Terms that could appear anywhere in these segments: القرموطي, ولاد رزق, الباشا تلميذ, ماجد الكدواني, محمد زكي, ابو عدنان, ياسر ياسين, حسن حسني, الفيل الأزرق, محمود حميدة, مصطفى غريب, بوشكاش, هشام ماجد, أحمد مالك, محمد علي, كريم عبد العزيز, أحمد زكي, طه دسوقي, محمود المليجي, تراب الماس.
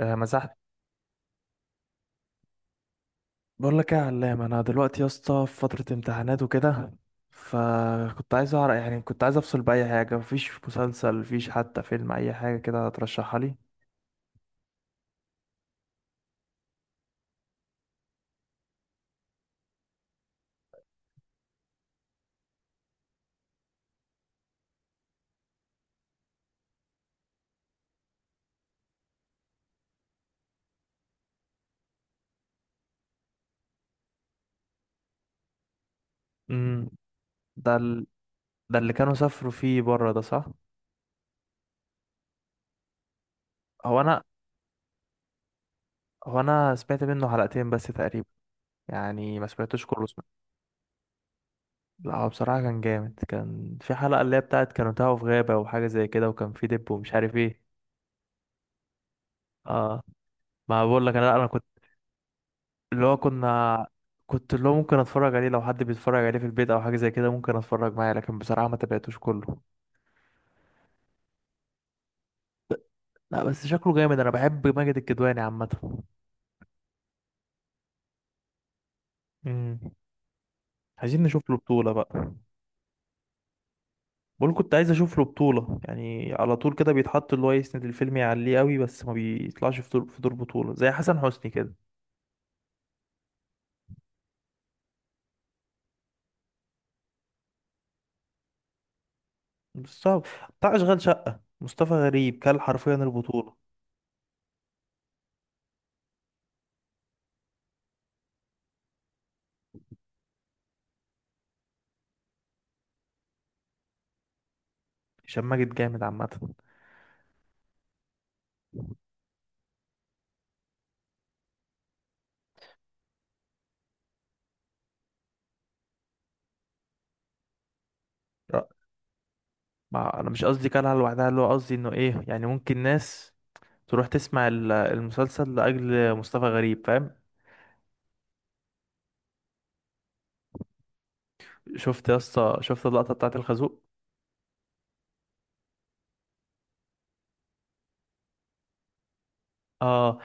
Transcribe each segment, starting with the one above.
آه، مسحت. بقول لك ايه يا علام، انا دلوقتي يا اسطى في فتره امتحانات وكده، فكنت عايز اعرف، يعني كنت عايز افصل باي حاجه، مفيش مسلسل مفيش حتى فيلم، اي حاجه كده ترشحها لي. امم ده ال... ده اللي كانوا سافروا فيه بره ده، صح؟ هو انا هو انا سمعت منه حلقتين بس تقريبا، يعني ما سمعتوش كله، سمعت. لا هو بصراحه كان جامد، كان في حلقه اللي هي بتاعت كانوا تاهوا في غابه وحاجه زي كده، وكان في دب ومش عارف ايه. اه، ما بقول لك انا اللي هو كنا كنت اللي هو ممكن اتفرج عليه لو حد بيتفرج عليه في البيت او حاجه زي كده، ممكن اتفرج معاه، لكن بصراحه ما تابعتوش كله. لا بس شكله جامد، انا بحب ماجد الكدواني عامه. امم عايزين نشوف له بطوله بقى. بقول كنت عايز اشوف له بطوله، يعني على طول كده بيتحط اللي هو يسند الفيلم يعليه قوي، بس ما بيطلعش في دور بطوله زي حسن حسني كده. مستوى بتاع اشغال شقه، مصطفى غريب كل حرفيا البطوله. هشام ماجد جامد عامه. لا، ما انا مش قصدي كلها لوحدها، اللي هو قصدي انه ايه يعني، ممكن ناس تروح تسمع المسلسل لاجل مصطفى غريب، فاهم. شفت يا اسطى، شفت اللقطه بتاعت الخازوق؟ اه،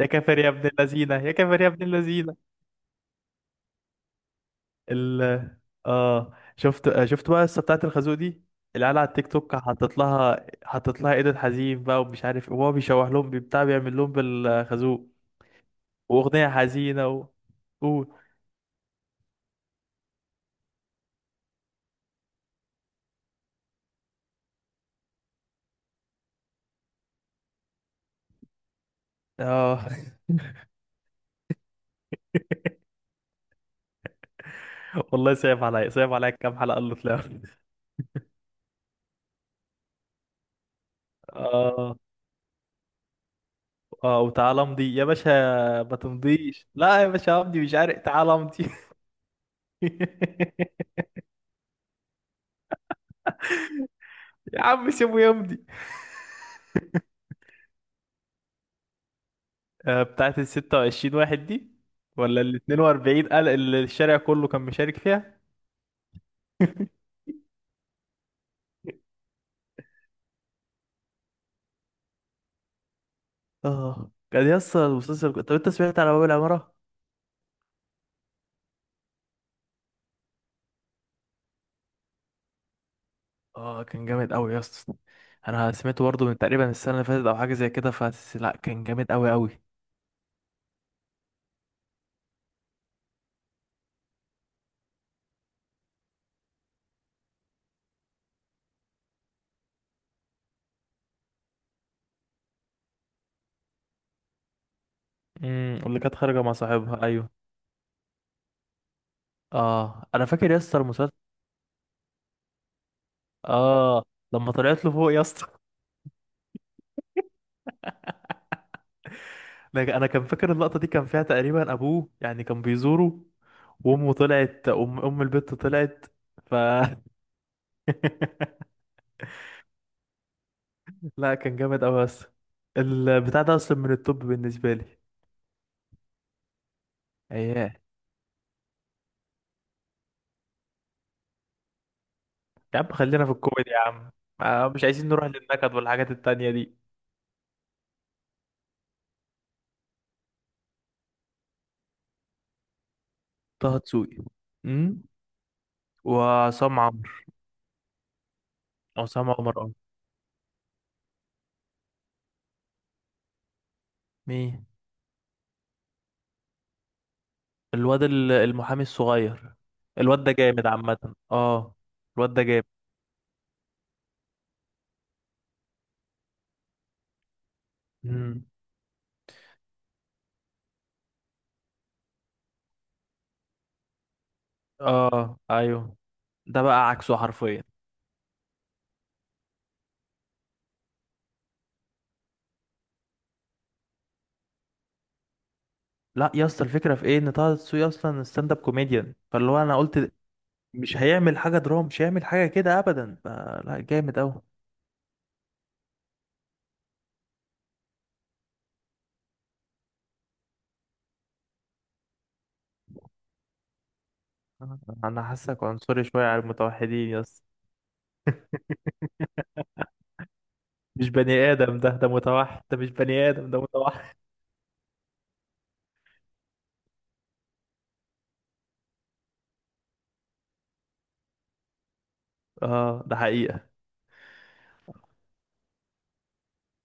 يا كافر يا ابن اللذينه، يا كافر يا ابن اللذينه. ال اه شفت بقى القصه بتاعت الخازوق دي، العيال على التيك توك حطت لها ايدن حزين بقى ومش عارف إيه، وهو بيشوح لهم بتاع، بيعمل لهم بالخازوق، واغنيه حزينه قول. اه. والله صعب عليا، صعب عليا، كام حلقه اللي طلعوا؟ اه. اه، وتعالى امضي يا باشا، ما تمضيش لا يا باشا امضي، مش عارف، تعالى امضي. يا عم سيبه يمضي. بتاعت ال 26 واحد دي، ولا ال 42 قال اللي الشارع كله كان مشارك فيها؟ اه، كان يا اسطى المسلسل. طب انت سمعت على باب العمارة؟ اه، كان جامد قوي يا اسطى. انا سمعته برضه من تقريبا السنة اللي فاتت او حاجة زي كده، فس لا كان جامد قوي قوي. امم، واللي كانت خارجة مع صاحبها، ايوه. اه، انا فاكر يا اسطى المسلسل. اه، لما طلعت له فوق يا اسطى. انا كان فاكر اللقطه دي، كان فيها تقريبا ابوه يعني كان بيزوره، وامه طلعت، ام البت طلعت، ف لا كان جامد قوي بس، البتاع ده اصلا من التوب بالنسبه لي. اياه. يا عم خلينا في الكوميدي يا عم، مش عايزين نروح للنكد والحاجات التانية دي. طه دسوقي. امم وعصام عمرو. عصام عمر، اه. مين؟ الواد المحامي الصغير. الواد ده جامد عامة. اه، الواد ده جامد. اه. ايوه. ده بقى عكسه حرفيا. لا يا اسطى، الفكره في ايه، ان طه دسوقي اصلا ستاند اب كوميديان، فاللي هو انا قلت مش هيعمل حاجه دراما، مش هيعمل حاجه كده ابدا، فلا جامد اوي. انا حاسك عنصري شويه على المتوحدين يا اسطى. مش بني ادم ده، ده متوحد، ده مش بني ادم، ده متوحد. اه، ده حقيقه.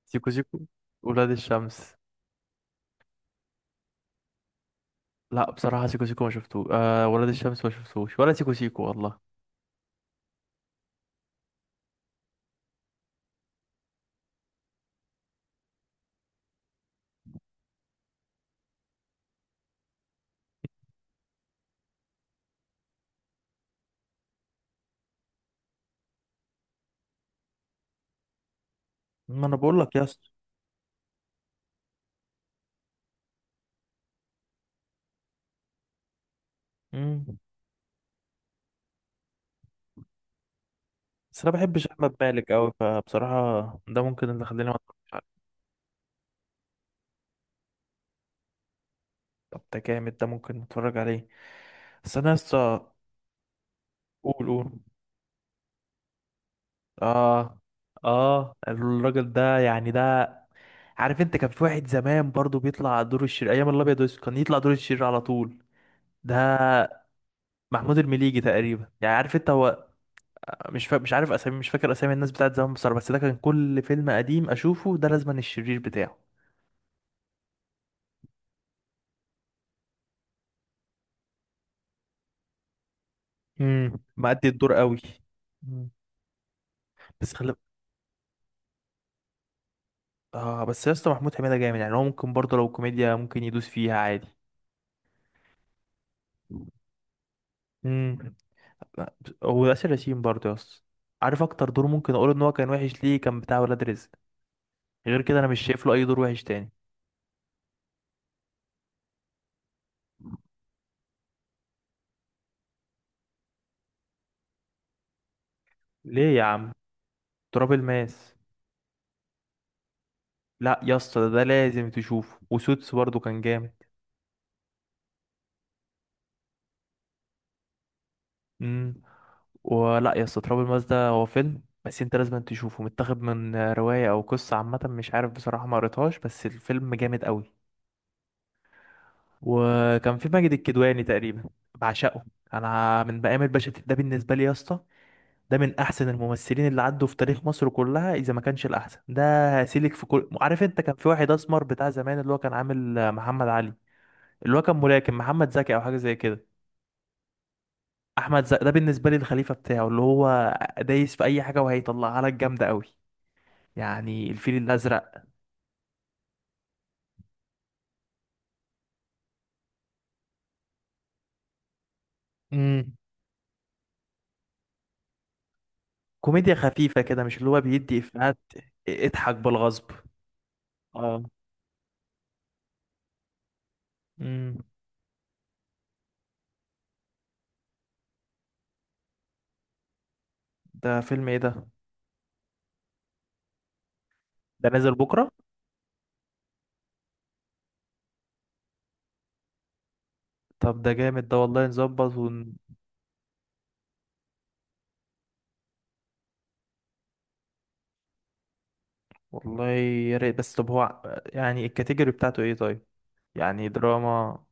سيكو سيكو، ولاد الشمس. لا بصراحه سيكو سيكو ما شفتوش، آه ولاد الشمس ما شفتوش، ولا سيكو سيكو والله. ما انا بقول لك يا اسطى. مم. بس انا بحبش احمد مالك قوي، فبصراحه ده ممكن اللي خلينا ما نتفرجش عليه. طب ده جامد، ده ممكن نتفرج عليه. بس انا لسه. قول قول. اه، اه، الراجل ده يعني ده، عارف انت كان في واحد زمان برضو بيطلع دور الشرير ايام الابيض والاسود، كان يطلع دور الشرير على طول. ده محمود المليجي تقريبا يعني، عارف انت هو. مش عارف اسامي، مش فاكر اسامي الناس بتاعت زمان بصراحه، بس ده كان كل فيلم قديم اشوفه ده لازما الشرير بتاعه. امم، مأدي الدور قوي. مم. بس خلي. اه، بس يا اسطى محمود حميدة جامد، يعني هو ممكن برضه لو كوميديا ممكن يدوس فيها عادي. امم. لا، هو ياسر ياسين برضه يا اسطى. عارف اكتر دور ممكن اقول ان هو كان وحش ليه؟ كان بتاع ولاد رزق. غير كده انا مش شايف له اي دور وحش تاني. ليه يا عم، تراب الماس. لا يا اسطى، ده لازم تشوفه، وسوتس برضه كان جامد. امم ولا يا اسطى تراب الماس ده هو فيلم، بس انت لازم تشوفه، متاخد من رواية او قصة عامة، مش عارف بصراحة ما قريتهاش، بس الفيلم جامد قوي. وكان في ماجد الكدواني تقريبا. بعشقه. انا من بقام الباشا تلميذ ده بالنسبه لي يا اسطى، ده من احسن الممثلين اللي عدوا في تاريخ مصر كلها اذا ما كانش الاحسن، ده سيلك في كل، عارف انت كان في واحد اسمر بتاع زمان اللي هو كان عامل محمد علي، اللي هو كان ملاكم، محمد زكي او حاجه زي كده. احمد زكي ده بالنسبه لي الخليفه بتاعه، اللي هو دايس في اي حاجه وهيطلعها لك جامده قوي. يعني الفيل الازرق. امم كوميديا خفيفه كده، مش اللي هو بيدي افيهات، اضحك بالغصب. اه. امم ده فيلم ايه ده؟ ده نازل بكرة. طب ده جامد ده والله، والله يا ريت، بس طب هو يعني الكاتيجوري بتاعته ايه طيب، يعني دراما.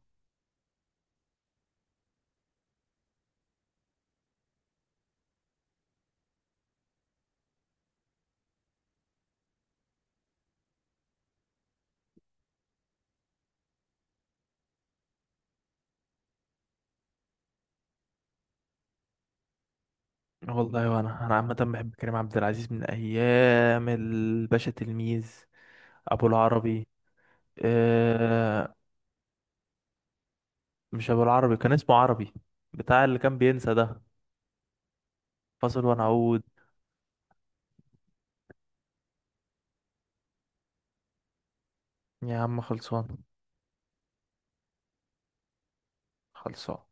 والله، وانا عامة بحب كريم عبد العزيز من ايام الباشا تلميذ. ابو العربي. آه... مش ابو العربي، كان اسمه عربي، بتاع اللي كان بينسى ده. فاصل ونعود. يا عم خلصان. خلصان.